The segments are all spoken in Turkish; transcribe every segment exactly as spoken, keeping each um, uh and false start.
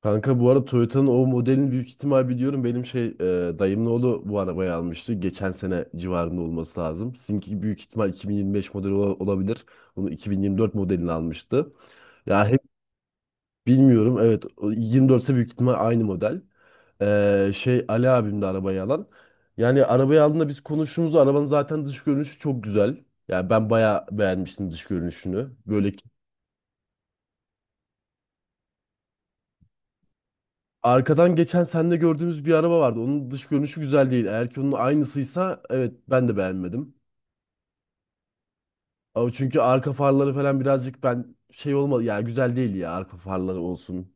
Kanka bu arada Toyota'nın o modelini büyük ihtimal biliyorum. Benim şey e, dayımın oğlu bu arabayı almıştı. Geçen sene civarında olması lazım. Sizinki büyük ihtimal iki bin yirmi beş modeli ola- olabilir. Bunu iki bin yirmi dört modelini almıştı. Ya hep bilmiyorum. Evet o yirmi dört ise büyük ihtimal aynı model. E, şey Ali abim de arabayı alan. Yani arabayı aldığında biz konuştuğumuzda arabanın zaten dış görünüşü çok güzel. Yani ben bayağı beğenmiştim dış görünüşünü. Böyle Arkadan geçen sende gördüğümüz bir araba vardı. Onun dış görünüşü güzel değil. Eğer ki onun aynısıysa evet ben de beğenmedim. Ama çünkü arka farları falan birazcık ben şey olmadı. Yani güzel değil ya arka farları olsun.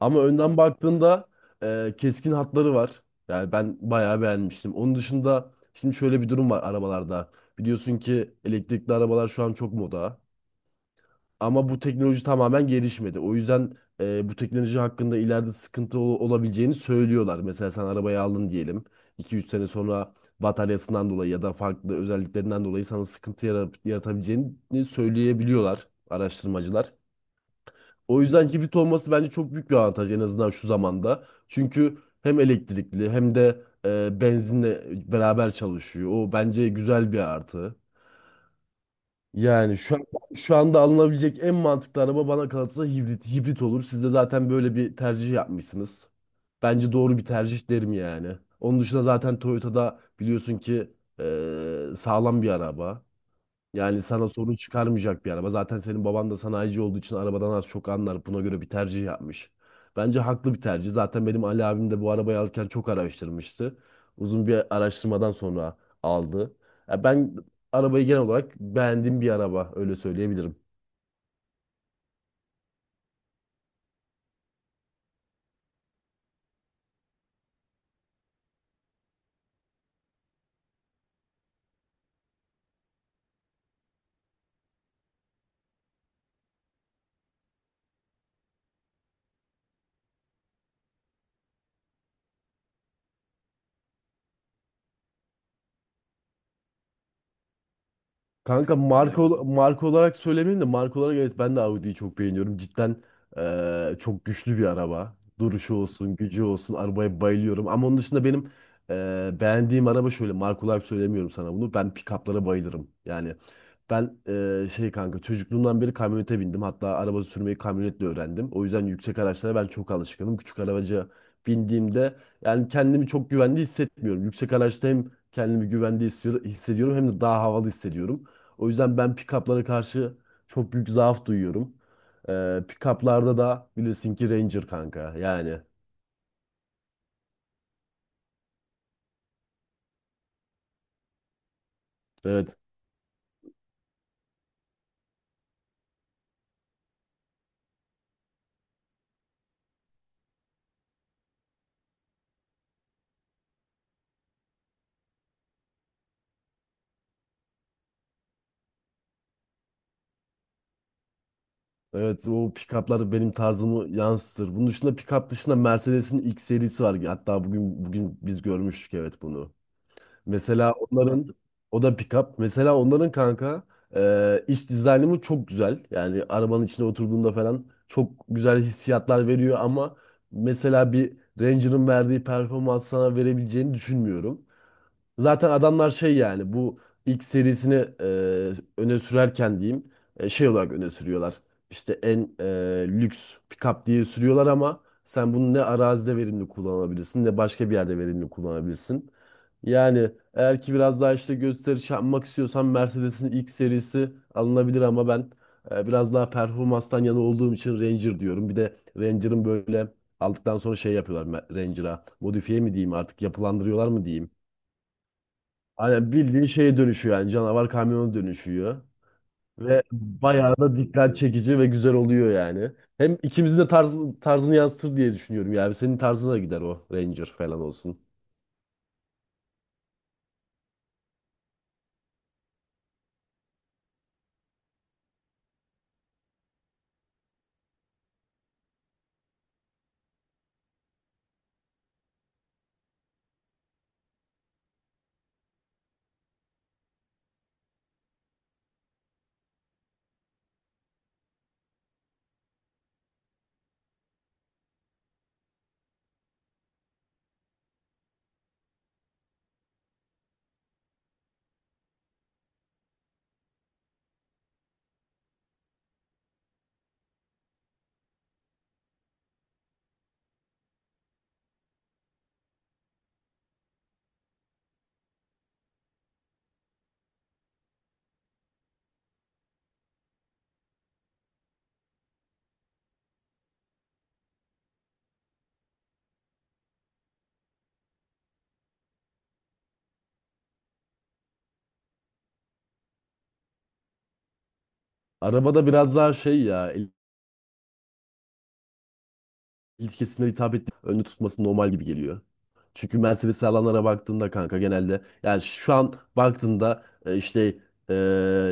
Ama önden baktığında e, keskin hatları var. Yani ben bayağı beğenmiştim. Onun dışında şimdi şöyle bir durum var arabalarda. Biliyorsun ki elektrikli arabalar şu an çok moda. Ama bu teknoloji tamamen gelişmedi. O yüzden e, bu teknoloji hakkında ileride sıkıntı ol- olabileceğini söylüyorlar. Mesela sen arabayı aldın diyelim. İki üç sene sonra bataryasından dolayı ya da farklı özelliklerinden dolayı sana sıkıntı yara- yaratabileceğini söyleyebiliyorlar araştırmacılar. O yüzden hibrit olması bence çok büyük bir avantaj en azından şu zamanda. Çünkü hem elektrikli hem de e, benzinle beraber çalışıyor. O bence güzel bir artı. Yani şu an, şu anda alınabilecek en mantıklı araba bana kalırsa hibrit. Hibrit olur. Siz de zaten böyle bir tercih yapmışsınız. Bence doğru bir tercih derim yani. Onun dışında zaten Toyota'da biliyorsun ki eee, sağlam bir araba. Yani sana sorun çıkarmayacak bir araba. Zaten senin baban da sanayici olduğu için arabadan az çok anlar. Buna göre bir tercih yapmış. Bence haklı bir tercih. Zaten benim Ali abim de bu arabayı alırken çok araştırmıştı. Uzun bir araştırmadan sonra aldı. Ya ben arabayı genel olarak beğendiğim bir araba öyle söyleyebilirim. Kanka marka Yani ol- marka olarak söylemeyeyim de marka olarak evet ben de Audi'yi çok beğeniyorum. Cidden eee, çok güçlü bir araba. Duruşu olsun, gücü olsun, arabaya bayılıyorum. Ama onun dışında benim eee, beğendiğim araba şöyle marka olarak söylemiyorum sana bunu. Ben pick-up'lara bayılırım. Yani ben eee, şey kanka çocukluğumdan beri kamyonete bindim. Hatta araba sürmeyi kamyonetle öğrendim. O yüzden yüksek araçlara ben çok alışkınım. Küçük arabaca bindiğimde yani kendimi çok güvende hissetmiyorum. Yüksek araçta hem kendimi güvende hissediyorum hissediyorum hem de daha havalı hissediyorum. O yüzden ben pick-up'lara karşı çok büyük zaaf duyuyorum. Ee, pick-up'larda da bilirsin ki Ranger kanka. Yani evet. Evet o pick-up'lar benim tarzımı yansıtır. Bunun dışında pick-up dışında Mercedes'in X serisi var. Hatta bugün bugün biz görmüştük evet bunu. Mesela onların o da pick-up. Mesela onların kanka e, iç dizaynımı çok güzel. Yani arabanın içine oturduğunda falan çok güzel hissiyatlar veriyor ama mesela bir Ranger'ın verdiği performans sana verebileceğini düşünmüyorum. Zaten adamlar şey yani bu ilk serisini e, öne sürerken diyeyim e, şey olarak öne sürüyorlar. İşte en e, lüks pick-up diye sürüyorlar ama sen bunu ne arazide verimli kullanabilirsin ne başka bir yerde verimli kullanabilirsin. Yani eğer ki biraz daha işte gösteriş yapmak istiyorsan Mercedes'in ilk serisi alınabilir ama ben e, biraz daha performanstan yana olduğum için Ranger diyorum. Bir de Ranger'ın böyle aldıktan sonra şey yapıyorlar Ranger'a modifiye mi diyeyim artık yapılandırıyorlar mı diyeyim. Aynen bildiğin şeye dönüşüyor yani canavar kamyona dönüşüyor. Ve bayağı da dikkat çekici ve güzel oluyor yani. Hem ikimizin de tarz, tarzını yansıtır diye düşünüyorum yani. Senin tarzına gider o Ranger falan olsun. Arabada biraz daha şey ya ilk kesimlere hitap ettiği önde tutması normal gibi geliyor. Çünkü Mercedes alanlara baktığında kanka genelde yani şu an baktığında e, işte e,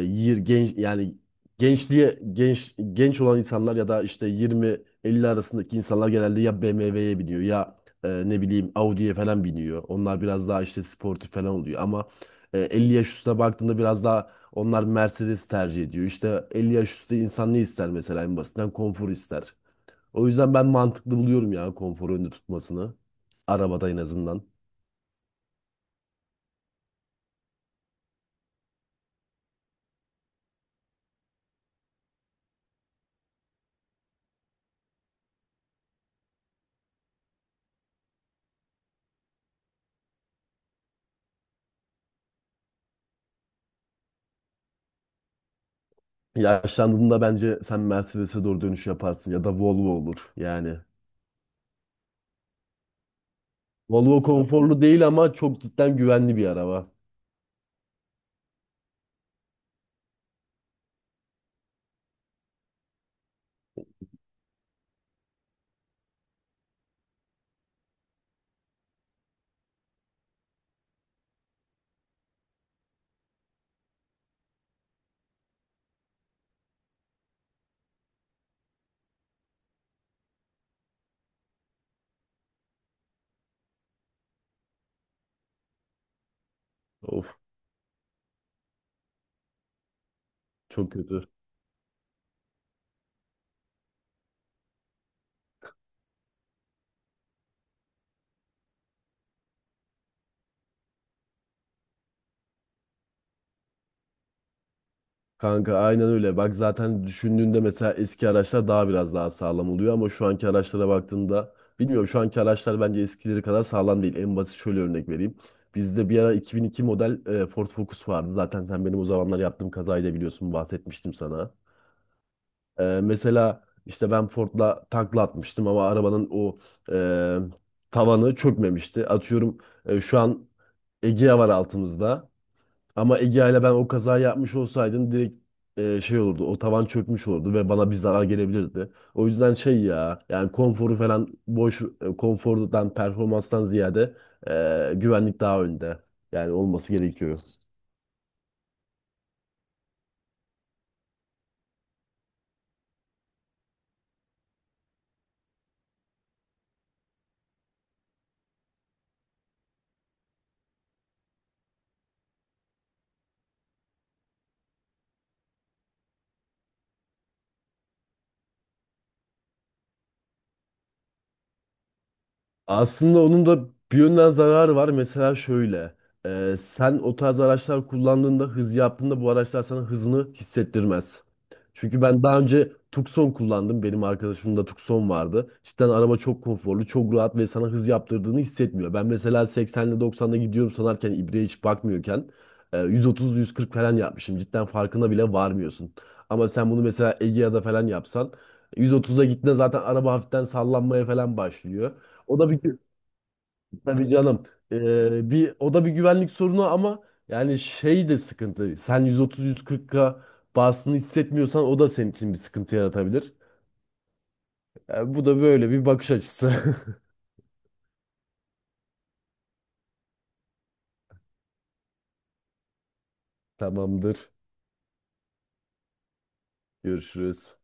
yir genç yani gençliğe genç genç olan insanlar ya da işte yirmi elli arasındaki insanlar genelde ya B M W'ye biniyor ya e, ne bileyim Audi'ye falan biniyor. Onlar biraz daha işte sportif falan oluyor ama e, elli yaş üstüne baktığında biraz daha onlar Mercedes tercih ediyor. İşte elli yaş üstü insan ne ister mesela en basitinden konfor ister. O yüzden ben mantıklı buluyorum ya konforu önde tutmasını. Arabada en azından. Yaşlandığında bence sen Mercedes'e doğru dönüş yaparsın ya da Volvo olur yani. Volvo konforlu değil ama çok cidden güvenli bir araba. Of, çok kötü. Kanka aynen öyle. Bak zaten düşündüğünde mesela eski araçlar daha biraz daha sağlam oluyor ama şu anki araçlara baktığında bilmiyorum şu anki araçlar bence eskileri kadar sağlam değil. En basit şöyle örnek vereyim. Bizde bir ara iki bin iki model e, Ford Focus vardı. Zaten sen benim o zamanlar yaptığım kazayı da biliyorsun bahsetmiştim sana. E, mesela işte ben Ford'la takla atmıştım ama arabanın o e, tavanı çökmemişti. Atıyorum e, şu an Egea var altımızda. Ama Egea ile ben o kazayı yapmış olsaydım direkt e, şey olurdu. O tavan çökmüş olurdu ve bana bir zarar gelebilirdi. O yüzden şey ya yani konforu falan boş e, konfordan performanstan ziyade e, güvenlik daha önde. Yani olması gerekiyor. Aslında onun da bir yönden zararı var. Mesela şöyle. E, sen o tarz araçlar kullandığında, hız yaptığında bu araçlar sana hızını hissettirmez. Çünkü ben daha önce Tucson kullandım. Benim arkadaşımda Tucson vardı. Cidden araba çok konforlu, çok rahat ve sana hız yaptırdığını hissetmiyor. Ben mesela seksenle doksanda gidiyorum sanarken, ibreye hiç bakmıyorken e, yüz otuz yüz kırk falan yapmışım. Cidden farkına bile varmıyorsun. Ama sen bunu mesela Egea'da falan yapsan yüz otuza gittiğinde zaten araba hafiften sallanmaya falan başlıyor. O da bir gü- Tabii canım. Ee, bir o da bir güvenlik sorunu ama yani şey de sıkıntı. Sen yüz otuz-yüz kırk K bastığını hissetmiyorsan o da senin için bir sıkıntı yaratabilir. Ee, bu da böyle bir bakış açısı. Tamamdır. Görüşürüz.